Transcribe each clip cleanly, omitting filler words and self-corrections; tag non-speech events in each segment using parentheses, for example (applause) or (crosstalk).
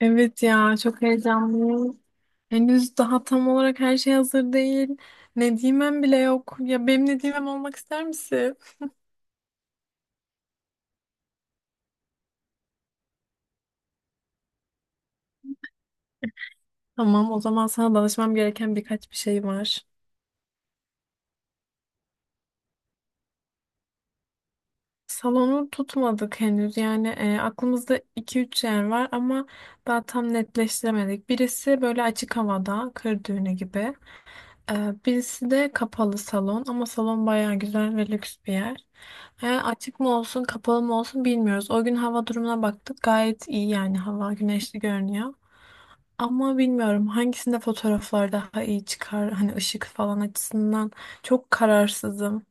Evet ya çok heyecanlıyım. Henüz daha tam olarak her şey hazır değil. Nedimem bile yok. Ya benim Nedimem olmak ister misin? Tamam, o zaman sana danışmam gereken birkaç bir şey var. Salonu tutmadık henüz, yani aklımızda iki üç yer var ama daha tam netleştiremedik. Birisi böyle açık havada kır düğünü gibi. Birisi de kapalı salon ama salon bayağı güzel ve lüks bir yer. Açık mı olsun kapalı mı olsun bilmiyoruz. O gün hava durumuna baktık, gayet iyi, yani hava güneşli görünüyor. Ama bilmiyorum hangisinde fotoğraflar daha iyi çıkar, hani ışık falan açısından çok kararsızım.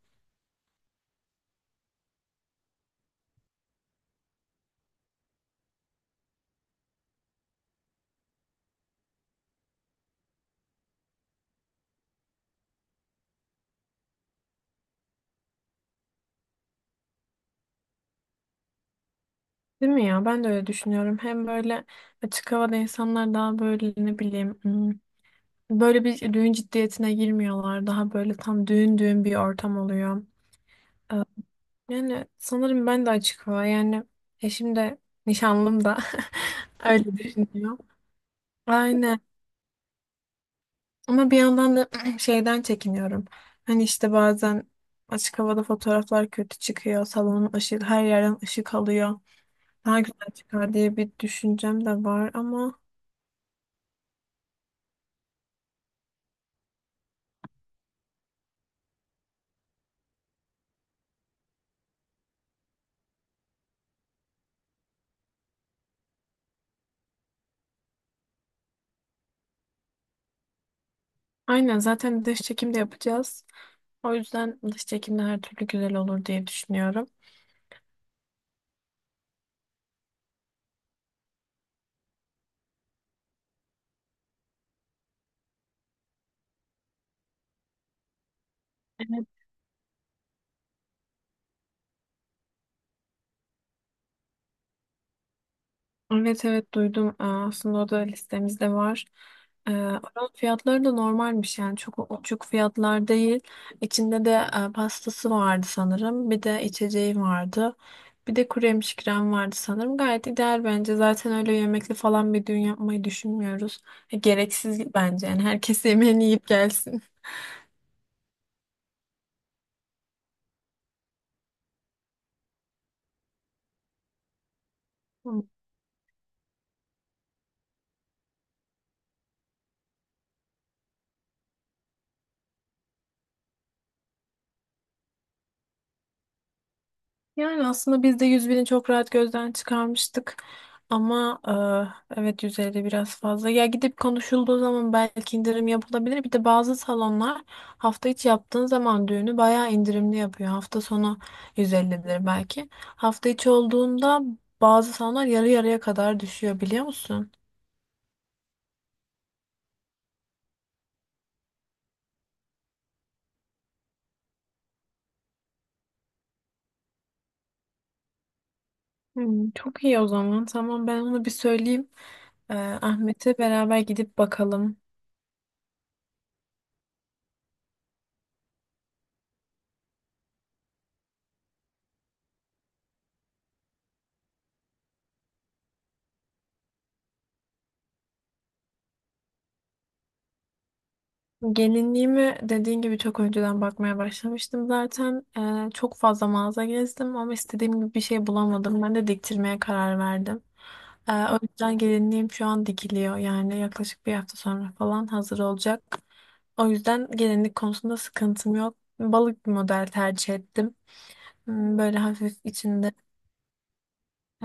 Değil mi ya? Ben de öyle düşünüyorum. Hem böyle açık havada insanlar daha böyle ne bileyim böyle bir düğün ciddiyetine girmiyorlar. Daha böyle tam düğün düğün bir ortam oluyor. Yani sanırım ben de açık hava, yani eşim de, nişanlım da (laughs) öyle düşünüyor. Aynen, ama bir yandan da (clears throat) şeyden çekiniyorum. Hani işte bazen açık havada fotoğraflar kötü çıkıyor. Salonun ışık, her yerden ışık alıyor. Daha güzel çıkar diye bir düşüncem de var ama aynen, zaten dış çekim de yapacağız. O yüzden dış çekimde her türlü güzel olur diye düşünüyorum. Evet. Evet, evet, duydum. Aa, aslında o da listemizde var. Oranın fiyatları da normalmiş, yani çok uçuk fiyatlar değil. İçinde de pastası vardı sanırım. Bir de içeceği vardı. Bir de kuru yemiş krem vardı sanırım. Gayet ideal bence. Zaten öyle yemekli falan bir düğün yapmayı düşünmüyoruz. Gereksiz bence, yani herkes yemeğini yiyip gelsin. Yani aslında biz de 100.000'i çok rahat gözden çıkarmıştık. Ama evet 150 biraz fazla. Ya gidip konuşulduğu zaman belki indirim yapılabilir. Bir de bazı salonlar hafta içi yaptığın zaman düğünü bayağı indirimli yapıyor. Hafta sonu 150'dir belki. Hafta içi olduğunda bazı salonlar yarı yarıya kadar düşüyor, biliyor musun? Hmm, çok iyi o zaman. Tamam, ben onu bir söyleyeyim. E, Ahmet'e beraber gidip bakalım. Gelinliğimi dediğin gibi çok önceden bakmaya başlamıştım zaten. Çok fazla mağaza gezdim ama istediğim gibi bir şey bulamadım. Ben de diktirmeye karar verdim. O yüzden gelinliğim şu an dikiliyor. Yani yaklaşık bir hafta sonra falan hazır olacak. O yüzden gelinlik konusunda sıkıntım yok. Balık bir model tercih ettim. Hmm, böyle hafif içinde.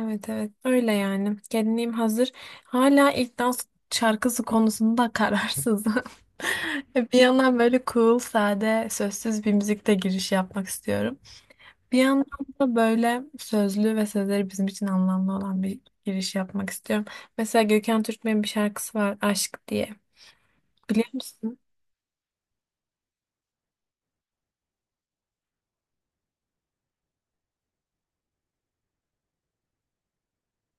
Evet, evet, öyle yani. Gelinliğim hazır. Hala ilk dans şarkısı konusunda kararsızım. (laughs) Bir yandan böyle cool, sade, sözsüz bir müzikle giriş yapmak istiyorum. Bir yandan da böyle sözlü ve sözleri bizim için anlamlı olan bir giriş yapmak istiyorum. Mesela Gökhan Türkmen'in bir şarkısı var, Aşk diye. Biliyor musun?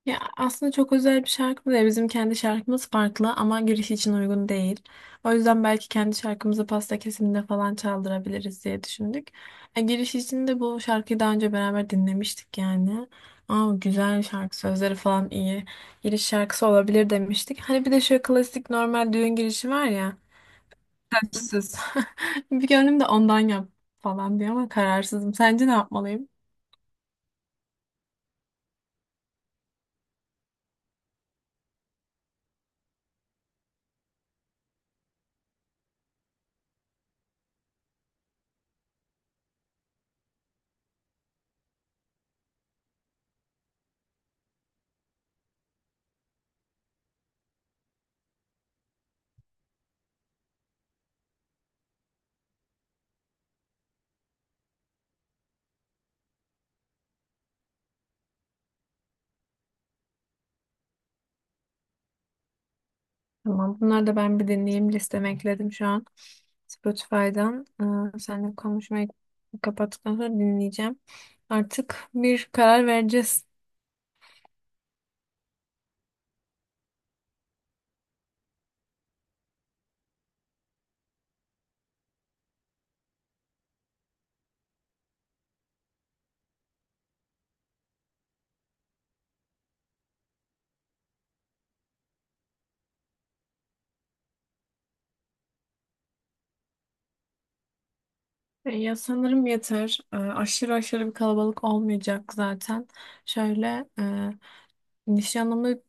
Ya aslında çok özel bir şarkı değil. Bizim kendi şarkımız farklı ama giriş için uygun değil. O yüzden belki kendi şarkımızı pasta kesiminde falan çaldırabiliriz diye düşündük. Giriş için de bu şarkıyı daha önce beraber dinlemiştik yani. Aa, güzel bir şarkı, sözleri falan iyi. Giriş şarkısı olabilir demiştik. Hani bir de şu klasik normal düğün girişi var ya. Sözsüz. (laughs) Bir gönlüm de ondan yap falan diyor ama kararsızım. Sence ne yapmalıyım? Tamam. Bunları da ben bir dinleyeyim. Listeme ekledim şu an. Spotify'dan. Seninle konuşmayı kapattıktan sonra dinleyeceğim. Artık bir karar vereceğiz. Ya sanırım yeter. Aşırı aşırı bir kalabalık olmayacak zaten. Şöyle nişanımızı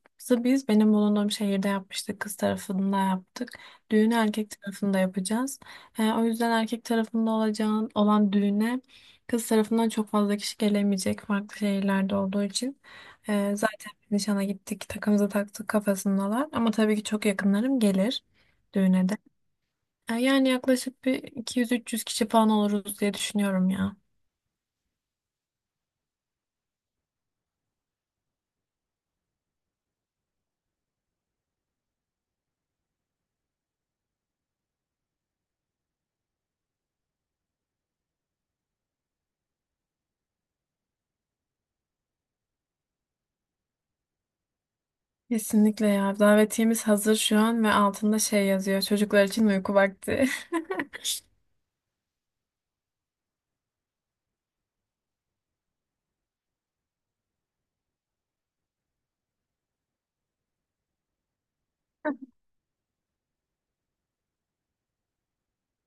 biz benim bulunduğum şehirde yapmıştık. Kız tarafında yaptık. Düğünü erkek tarafında yapacağız. O yüzden erkek tarafında olan düğüne kız tarafından çok fazla kişi gelemeyecek, farklı şehirlerde olduğu için. Zaten biz nişana gittik, takımızı taktık kafasındalar. Ama tabii ki çok yakınlarım gelir düğüne de. Yani yaklaşık bir 200-300 kişi falan oluruz diye düşünüyorum ya. Kesinlikle ya. Davetiyemiz hazır şu an ve altında şey yazıyor: Çocuklar için uyku vakti.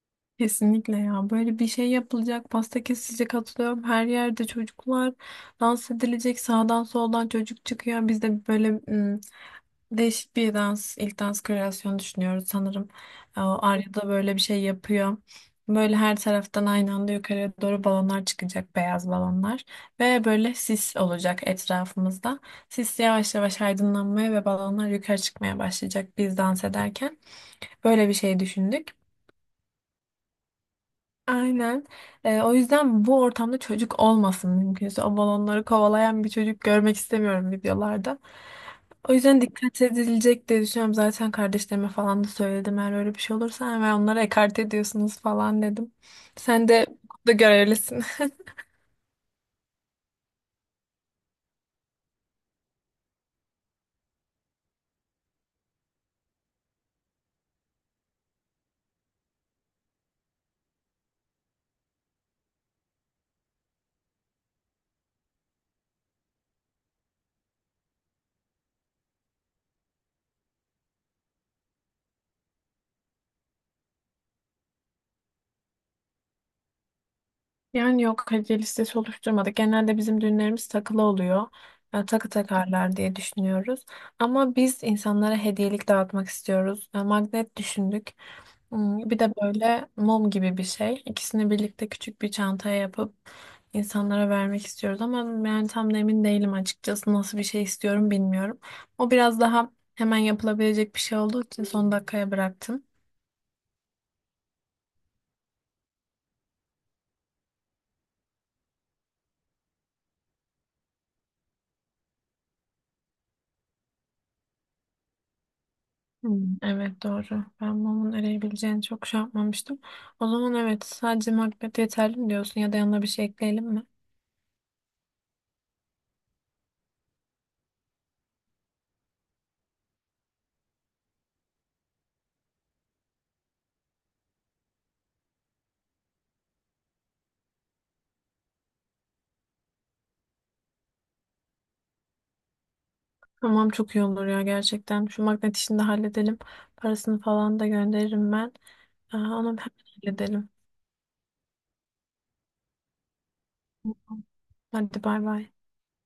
(laughs) Kesinlikle ya. Böyle bir şey yapılacak. Pasta kesilecek, atılıyorum. Her yerde çocuklar, dans edilecek. Sağdan soldan çocuk çıkıyor. Biz de böyle değişik bir dans, ilk dans kreasyonu düşünüyoruz sanırım. O Arya da böyle bir şey yapıyor. Böyle her taraftan aynı anda yukarıya doğru balonlar çıkacak, beyaz balonlar. Ve böyle sis olacak etrafımızda. Sis yavaş yavaş aydınlanmaya ve balonlar yukarı çıkmaya başlayacak biz dans ederken. Böyle bir şey düşündük. Aynen. O yüzden bu ortamda çocuk olmasın mümkünse. O balonları kovalayan bir çocuk görmek istemiyorum videolarda. O yüzden dikkat edilecek diye düşünüyorum. Zaten kardeşlerime falan da söyledim. Eğer öyle bir şey olursa hemen onları ekarte ediyorsunuz falan dedim. Sen da görevlisin. (laughs) Yani yok, hediye listesi oluşturmadık. Genelde bizim düğünlerimiz takılı oluyor. Yani takı takarlar diye düşünüyoruz. Ama biz insanlara hediyelik dağıtmak istiyoruz. Yani magnet düşündük. Hmm, bir de böyle mum gibi bir şey. İkisini birlikte küçük bir çantaya yapıp insanlara vermek istiyoruz ama yani tam da emin değilim, açıkçası nasıl bir şey istiyorum bilmiyorum. O biraz daha hemen yapılabilecek bir şey olduğu için son dakikaya bıraktım. Hmm, evet doğru. Ben mumun eriyebileceğini çok şey yapmamıştım. O zaman evet, sadece magnet yeterli mi diyorsun ya da yanına bir şey ekleyelim mi? Tamam, çok iyi olur ya gerçekten. Şu magnet işini de halledelim. Parasını falan da gönderirim ben. Aa, onu hemen halledelim. Hadi bay bay.